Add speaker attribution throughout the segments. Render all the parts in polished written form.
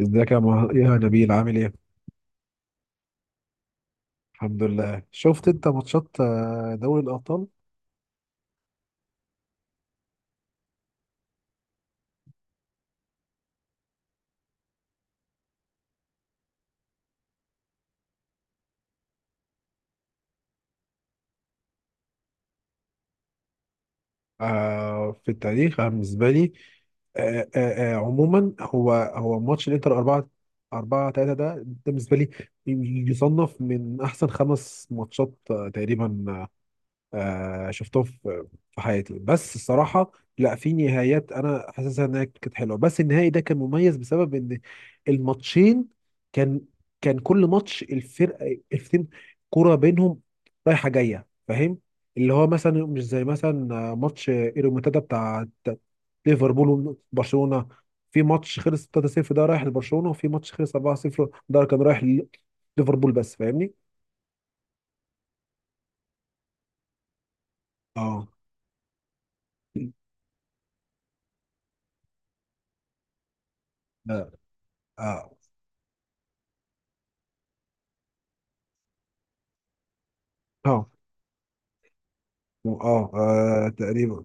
Speaker 1: ازيك يا يا نبيل عامل ايه؟ الحمد لله. شفت انت ماتشات دوري الابطال في التاريخ. أنا بالنسبه لي عموما هو ماتش الانتر 4 4 3، ده بالنسبه لي يصنف من احسن خمس ماتشات تقريبا شفتهم في حياتي. بس الصراحة لا، في نهايات انا حاسسها انها كانت حلوة، بس النهائي ده كان مميز بسبب ان الماتشين كان كان كل ماتش الفرقتين كرة بينهم رايحة جاية، فاهم؟ اللي هو مثلا مش زي مثلا ماتش الريمونتادا بتاع ليفربول وبرشلونة. في ماتش خلص 3-0 ده رايح لبرشلونة، وفي ماتش خلص 4-0 ده كان رايح ليفربول، بس فاهمني؟ اه. لا، اه اه اه تقريبا.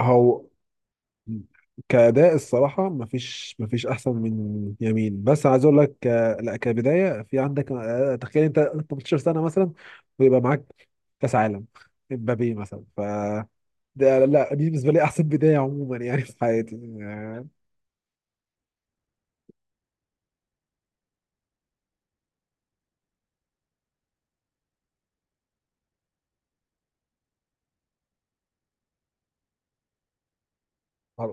Speaker 1: هو كأداء الصراحة مفيش، مفيش أحسن من يمين، بس عايز أقول لك لا، كبداية في عندك تخيل أنت 18 سنة مثلا ويبقى معاك كأس عالم، امبابي مثلا. ف ده لا، دي بالنسبة لي أحسن بداية عموما يعني في حياتي. آه،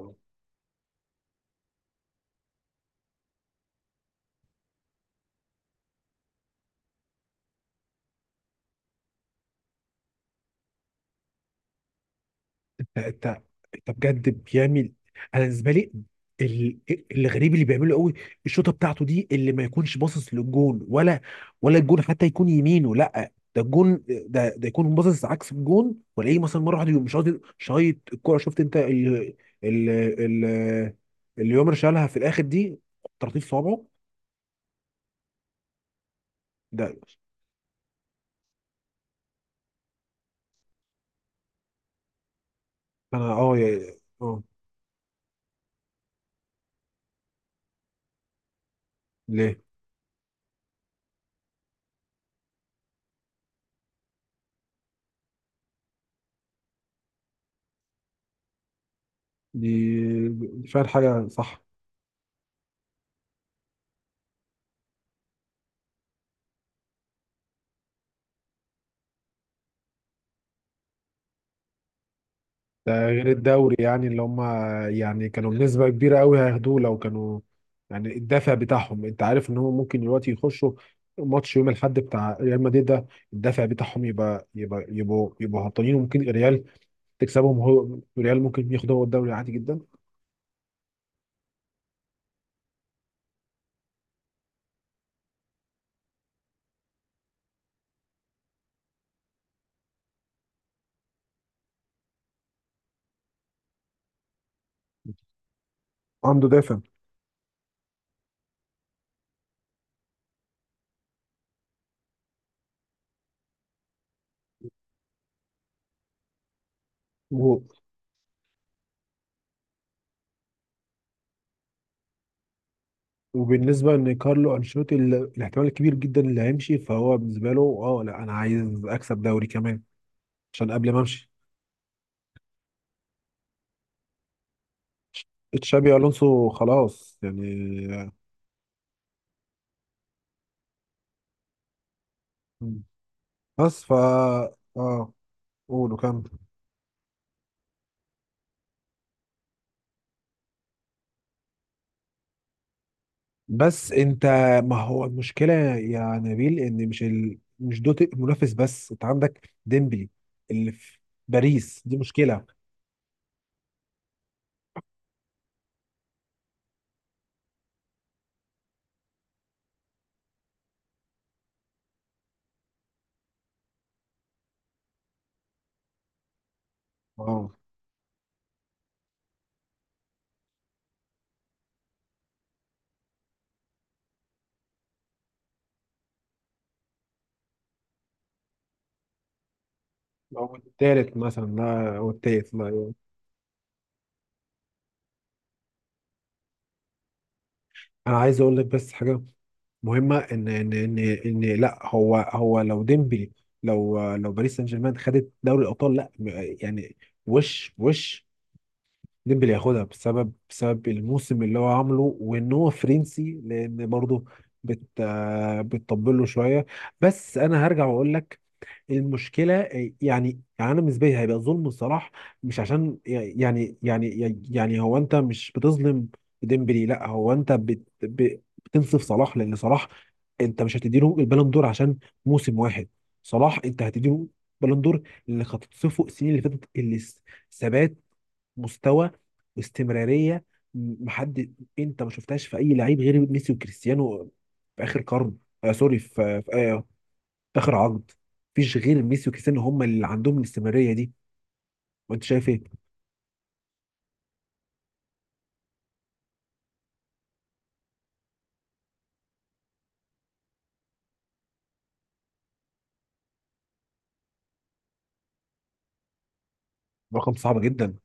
Speaker 1: لا، انت بجد بيعمل. انا بالنسبه لي ال- الغريب اللي بيعمله قوي الشوطه بتاعته دي، اللي ما يكونش باصص للجون ولا، ولا الجون حتى يكون يمينه، لا ده الجون ده ده يكون باصص عكس الجون ولاقيه مثلا مره واحده يقوم شايط شايط الكوره. شفت انت ال ال اللي يومر شالها في الاخر دي؟ ترطيب صوابعه ده. انا اه اه. ليه؟ دي دي فعلا حاجه صح. ده غير الدوري، يعني اللي هم يعني كانوا بنسبة كبيرة قوي هياخدوه لو كانوا، يعني الدافع بتاعهم انت عارف ان هم ممكن دلوقتي يخشوا ماتش يوم الاحد بتاع ريال مدريد ده، الدافع بتاعهم يبقى يبقوا هبطانين وممكن ريال تكسبهم. هو ريال ممكن ياخدوا هو الدوري عادي جدا. عنده دافع. و- وبالنسبة ان كارلو انشيلوتي الاحتمال الكبير جدا اللي هيمشي، فهو بالنسبة له اه، لا انا عايز اكسب دوري كمان عشان قبل ما امشي. تشابي الونسو خلاص يعني. بس فا اه، قولوا كمل. بس انت، ما هو المشكله يا نبيل ان مش مش دوت منافس بس، انت عندك ديمبلي اللي في باريس، دي مشكله. اه، او التالت مثلا، لا او التالت، لا يعني. انا عايز اقول لك بس حاجه مهمه، ان ان لا، هو لو ديمبلي، لو لو باريس سان جيرمان خدت دوري الابطال، لا يعني وش ديمبلي ياخدها بسبب بسبب الموسم اللي هو عامله، وان هو فرنسي لان برضه بت بتطبل له شويه. بس انا هرجع واقول لك المشكله يعني انا بالنسبه لي هيبقى ظلم صلاح. مش عشان يعني هو انت مش بتظلم ديمبلي، لا هو انت بتنصف صلاح، لان صلاح انت مش هتديله البالون دور عشان موسم واحد. صلاح انت هتديله بالون دور اللي هتتصفه السنين اللي فاتت، اللي ثبات مستوى واستمراريه. محد، انت ما شفتهاش في اي لعيب غير ميسي وكريستيانو، في اخر قرن. آه، سوري، آه في اخر عقد مفيش غير ميسي وكريستيانو هم اللي عندهم الاستمراريه دي. وانت شايف ايه؟ رقم صعب جدا.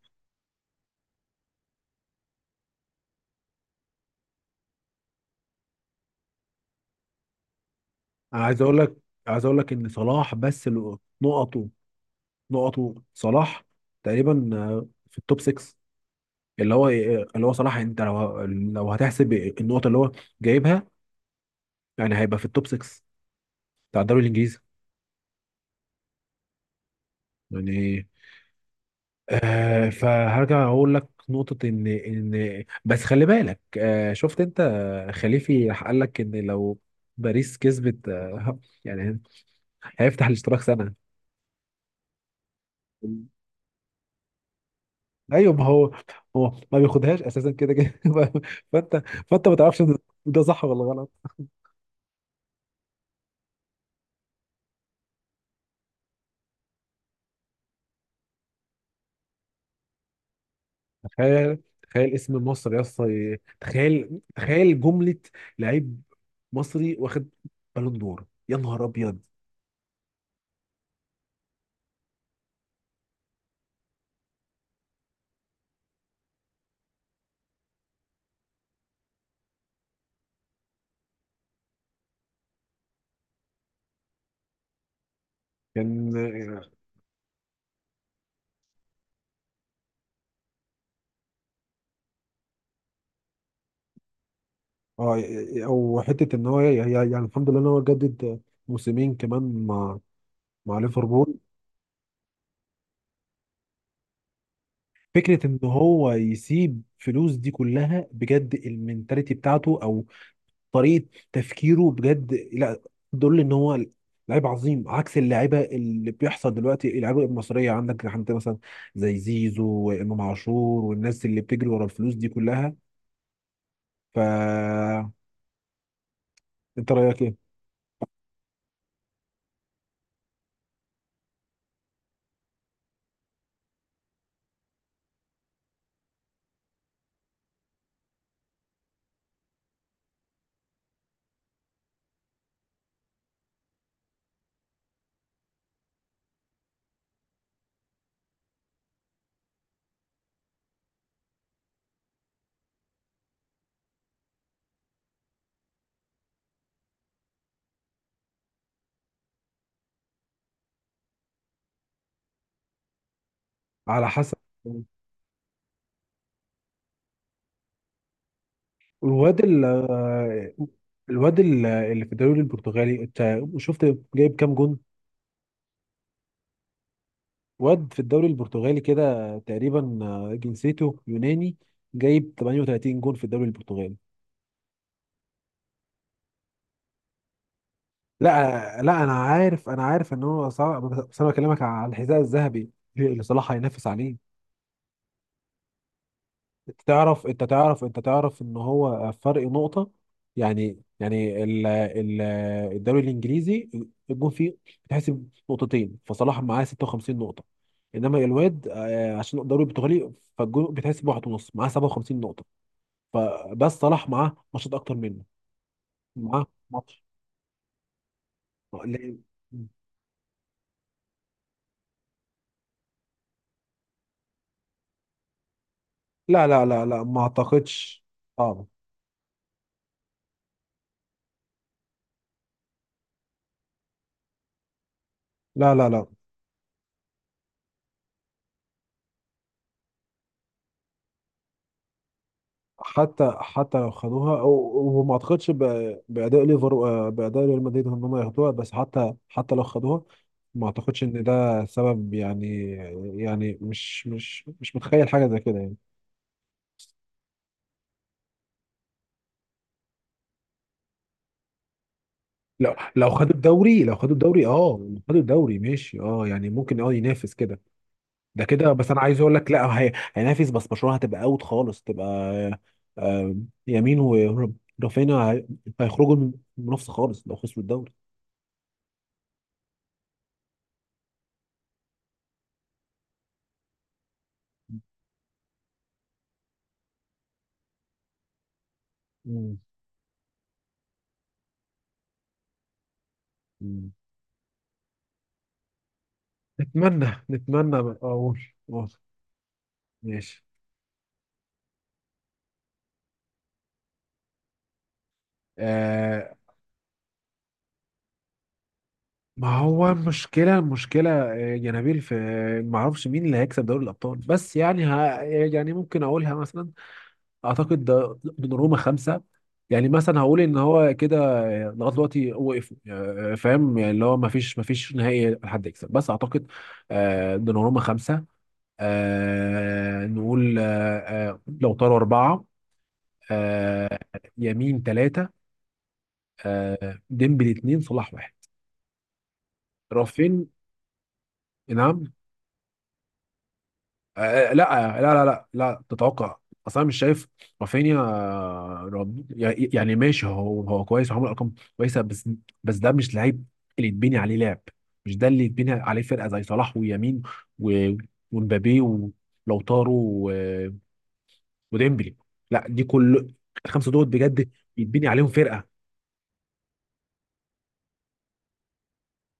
Speaker 1: انا عايز اقول لك، عايز اقول لك ان صلاح بس نقطه، نقطه صلاح تقريبا في التوب 6، اللي هو اللي هو صلاح انت لو لو هتحسب النقط اللي هو جايبها يعني هيبقى في التوب 6 بتاع الدوري الانجليزي يعني. آه، فهرجع اقول لك نقطة ان بس خلي بالك. آه شفت انت خليفي راح قال لك ان لو باريس كسبت يعني هيفتح الاشتراك سنة. ايوه، ما هو هو ما بياخدهاش اساسا كده كده فانت فانت ما تعرفش ده، ده صح ولا غلط؟ تخيل تخيل اسم مصر يا اسطى! تخيل تخيل جملة لعيب مصري واخد بالون دور، يا نهار ابيض! كان اه او حته ان هو يعني الحمد لله ان هو جدد موسمين كمان مع مع ليفربول. فكره ان هو يسيب فلوس دي كلها بجد، المنتاليتي بتاعته او طريقه تفكيره بجد، لا دول ان هو لعيب عظيم عكس اللعيبه اللي بيحصل دلوقتي، اللعيبه المصريه، عندك عندك مثلا زي زيزو وامام عاشور والناس اللي بتجري ورا الفلوس دي كلها. فانت رايك ايه؟ على حسب. الواد ال الواد اللي في الدوري البرتغالي، انت شفت جايب كام جون؟ واد في الدوري البرتغالي كده تقريبا جنسيته يوناني، جايب 38 جون في الدوري البرتغالي. لا لا، انا عارف، انا عارف ان هو صعب، بس انا بكلمك على الحذاء الذهبي اللي صلاح هينافس عليه. انت تعرف، انت تعرف ان هو فرق نقطة؟ يعني يعني ال الدوري الانجليزي الجون فيه بتحسب نقطتين، فصلاح معاه 56 نقطة، انما الواد عشان الدوري البرتغالي فالجون بتحسب واحد ونص، معاه 57 نقطة. فبس صلاح معاه ماتشات اكتر منه، معاه ماتش. لا لا لا لا، ما اعتقدش. صعب. لا لا لا. حتى حتى لو خدوها وما اعتقدش باداء ليفر، باداء ريال مدريد، ان هم ياخدوها، بس حتى حتى لو خدوها ما اعتقدش ان ده سبب يعني. يعني مش مش متخيل حاجه زي كده يعني. لو لو خدوا الدوري، لو خدوا الدوري، اه لو خدوا الدوري ماشي، اه يعني ممكن اه ينافس كده، ده كده. بس انا عايز اقول لك، لا هي هينافس بس برشلونه هتبقى اوت خالص، تبقى آه، يمين ورافينا هيخرجوا من المنافسه خالص لو خسروا الدوري. مم. نتمنى، نتمنى بقى اقول. أقول. ماشي. آه، ما هو المشكلة، المشكلة يا نبيل، في ما اعرفش مين اللي هيكسب دوري الابطال، بس يعني ها يعني ممكن اقولها مثلا. اعتقد ده من روما خمسة، يعني مثلا هقول ان هو كده لغايه دلوقتي وقفوا فاهم يعني اللي هو ما فيش ما فيش نهائي حد يكسب، بس اعتقد آه دوناروما خمسة، آه نقول آه آه لو طاروا اربعة آه. يمين ثلاثة. ديمبلي اتنين، صلاح واحد. رافين. نعم؟ لا تتوقع، اصل انا مش شايف رافينيا يعني ماشي هو هو كويس وعمل ارقام كويسه بس، بس ده مش لعيب اللي يتبني عليه لعب. مش ده اللي يتبني عليه فرقه، زي صلاح ويمين و- ومبابي ولوتارو و- وديمبلي، لا دي كل الخمسه دول بجد يتبني عليهم فرقه.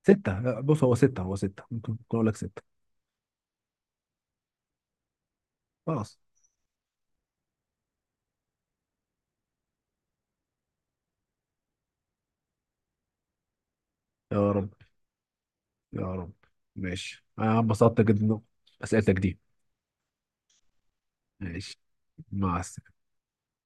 Speaker 1: سته بص، هو سته، هو سته ممكن، ممكن اقول لك سته. خلاص. يا رب. يا رب. ماشي، انا انبسطت جدا بأسئلتك دي. ماشي. مع السلامة.